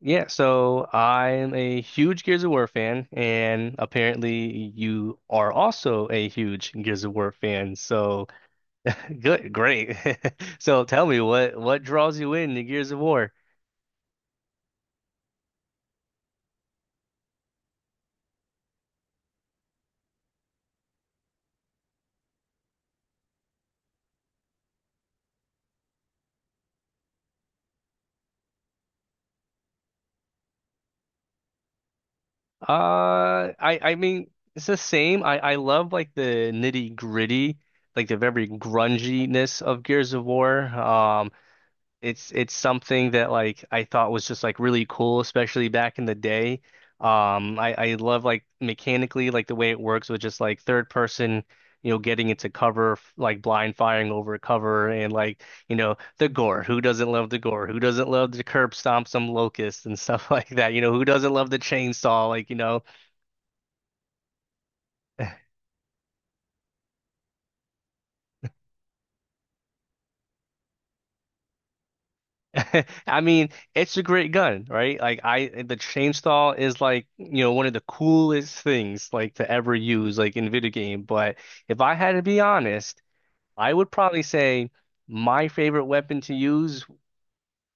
Yeah, so I'm a huge Gears of War fan, and apparently you are also a huge Gears of War fan. So good, great. So tell me what draws you in to Gears of War? I mean it's the same. I love like the nitty gritty, like the very grunginess of Gears of War. It's something that like I thought was just like really cool, especially back in the day. I love like mechanically like the way it works with just like third person, you know, getting into cover f- like blind firing over cover and like you know the gore. Who doesn't love the gore? Who doesn't love the curb stomp some locust and stuff like that? You know, who doesn't love the chainsaw? I mean, it's a great gun, right? Like I the chainsaw is like, one of the coolest things like to ever use like in a video game, but if I had to be honest, I would probably say my favorite weapon to use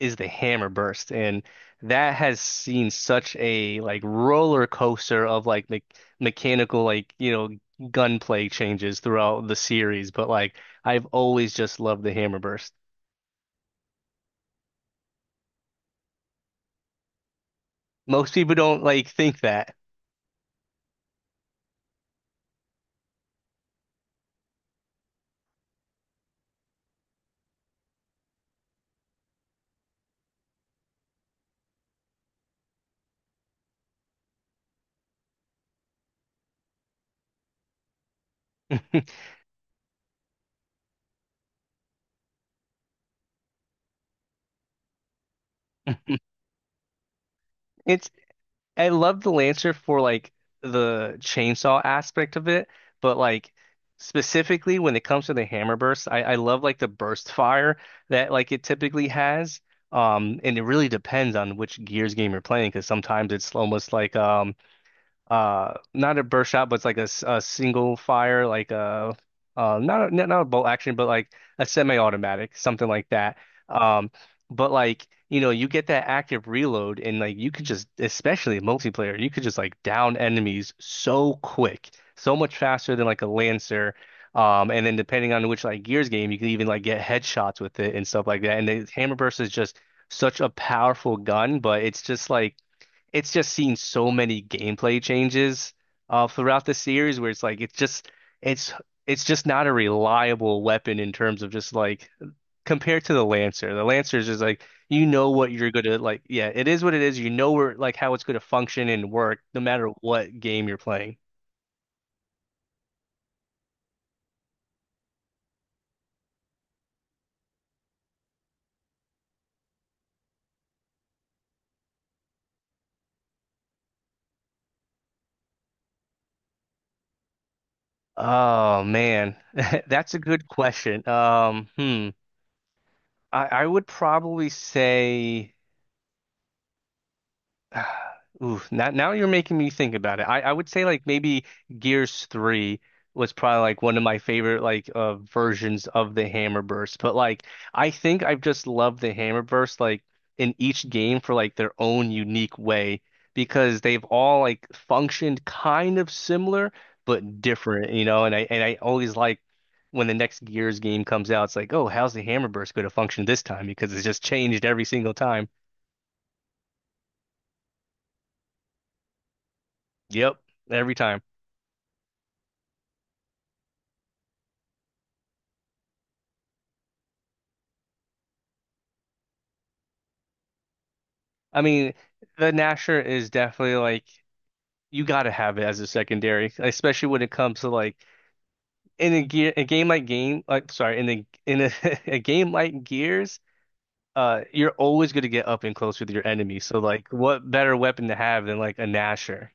is the hammer burst, and that has seen such a like roller coaster of like me mechanical like, gunplay changes throughout the series, but like I've always just loved the hammer burst. Most people don't like think that. It's I love the Lancer for like the chainsaw aspect of it, but like specifically when it comes to the hammer burst, I love like the burst fire that like it typically has. And it really depends on which Gears game you're playing because sometimes it's almost like not a burst shot, but it's like a, s- a single fire like a not a bolt action but like a semi-automatic something like that um but like you know you get that active reload, and like you could just especially in multiplayer you could just like down enemies so quick, so much faster than like a Lancer and then depending on which like Gears game you can even like get headshots with it and stuff like that, and the hammer burst is just such a powerful gun, but it's just like it's just seen so many gameplay changes throughout the series where it's like it's it's just not a reliable weapon in terms of just like compared to the Lancer. The Lancer is just like you know what you're gonna like. Yeah, it is what it is. You know where like how it's gonna function and work no matter what game you're playing. Oh man, that's a good question. Hmm. I would probably say. Ooh, now you're making me think about it. I would say like maybe Gears 3 was probably like one of my favorite like versions of the Hammer Burst. But like I think I've just loved the Hammer Burst like in each game for like their own unique way because they've all like functioned kind of similar but different, you know, and I always like when the next Gears game comes out, it's like, oh, how's the Hammer Burst going to function this time? Because it's just changed every single time. Yep, every time. I mean, the Nasher is definitely like you gotta have it as a secondary, especially when it comes to like in a gear a game like sorry in a a game like Gears, you're always gonna get up and close with your enemy. So like, what better weapon to have than like a Nasher?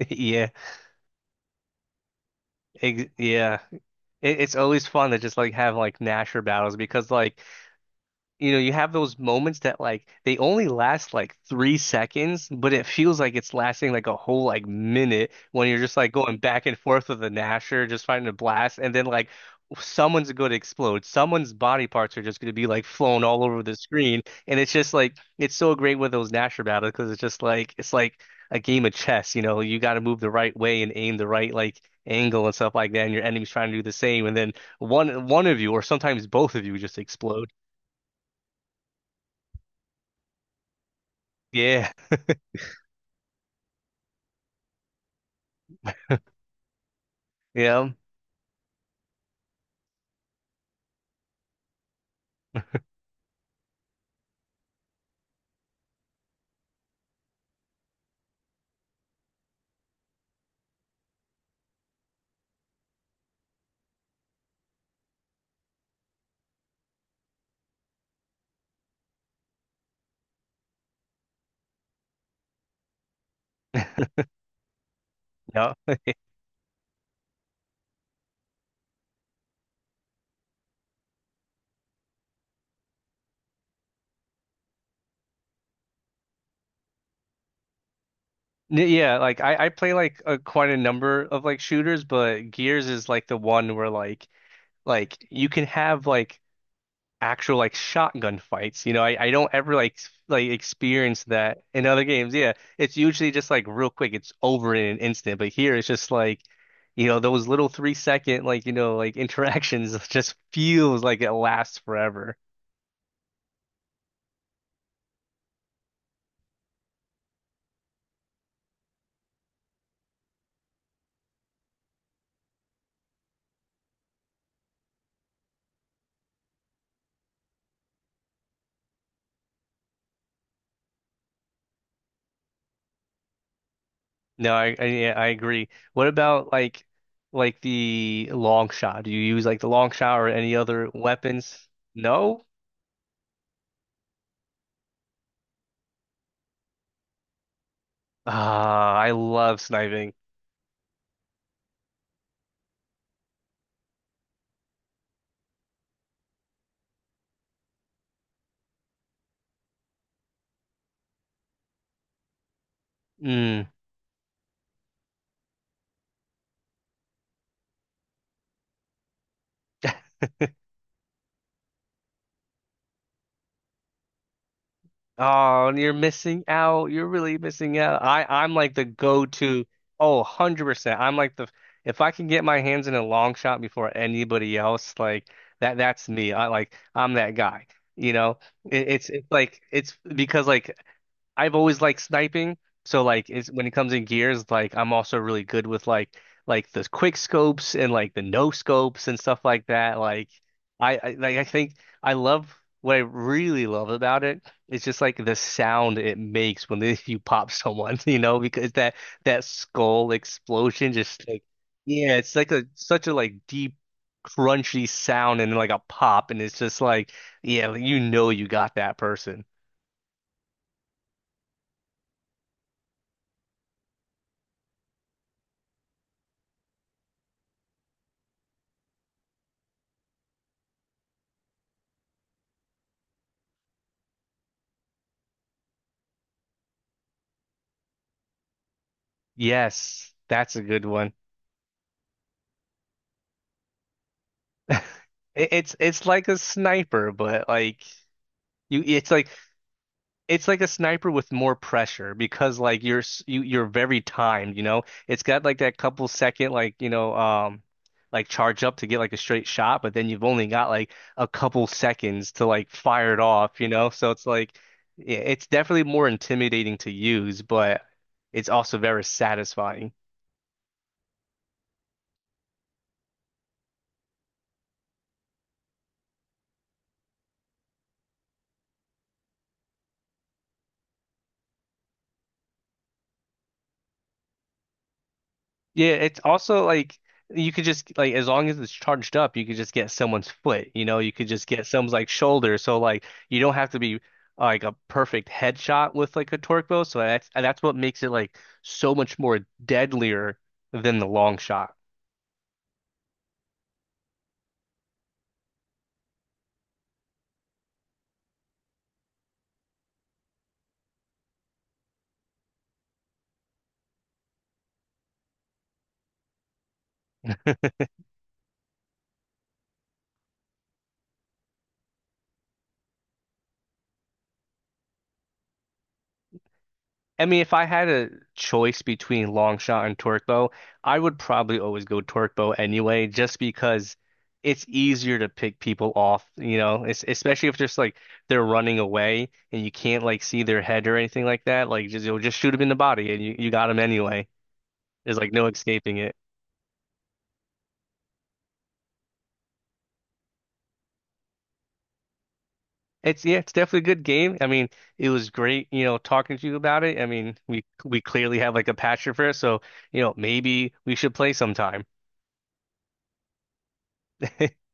Yeah, ex yeah. It's always fun to just like have like Nasher battles because like you know, you have those moments that like they only last like 3 seconds, but it feels like it's lasting like a whole like minute when you're just like going back and forth with the Nasher, just fighting a blast, and then like someone's going to explode. Someone's body parts are just going to be like flown all over the screen, and it's just like it's so great with those Nasher battles because it's just like it's like a game of chess, you know, you got to move the right way and aim the right like angle and stuff like that, and your enemy's trying to do the same, and then one of you or sometimes both of you just explode. Yeah. Yeah, yeah, N- yeah. Like I play like a, quite a number of like shooters, but Gears is like the one where like you can have like actual like shotgun fights. You know, I don't ever like s- like experience that in other games. Yeah, it's usually just like real quick. It's over in an instant. But here it's just like, you know, those little 3 second like you know like interactions just feels like it lasts forever. No, I yeah, I agree. What about like the long shot? Do you use like the long shot or any other weapons? No? Ah, I love sniping. Mm. Oh, and you're missing out. You're really missing out. I'm like the go-to. Oh, 100%. I'm like the if I can get my hands in a long shot before anybody else, like that's me. I like I'm that guy. You know, it's it's like it's because like I've always liked sniping. So like it's when it comes in gears, like I'm also really good with like the quick scopes and like the no scopes and stuff like that. Like I like I think I love what I really love about it it's just like the sound it makes when they, you pop someone, you know, because that that skull explosion just like yeah, it's like a such a like deep crunchy sound and like a pop, and it's just like yeah, like, you know you got that person. Yes, that's a good one. It's it's like a sniper, but like you it's like it's like a sniper with more pressure because like you're s- you you're very timed, you know. It's got like that couple second like, you know, like charge up to get like a straight shot, but then you've only got like a couple seconds to like fire it off, you know? So it's like yeah, it's definitely more intimidating to use, but it's also very satisfying. Yeah, it's also like you could just like as long as it's charged up, you could just get someone's foot, you know, you could just get someone's like shoulder. So like you don't have to be like a perfect headshot with like a torque bow. So that's and that's what makes it like so much more deadlier than the long shot. I mean, if I had a choice between long shot and torque bow, I would probably always go torque bow anyway, just because it's easier to pick people off, you know, it's, especially if just like they're running away and you can't like see their head or anything like that. Like just you'll just shoot them in the body, and you got them anyway. There's like no escaping it. It's yeah, it's definitely a good game. I mean, it was great, you know, talking to you about it. I mean, we clearly have like a passion for it, so you know, maybe we should play sometime.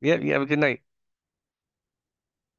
Yeah, you have a good night.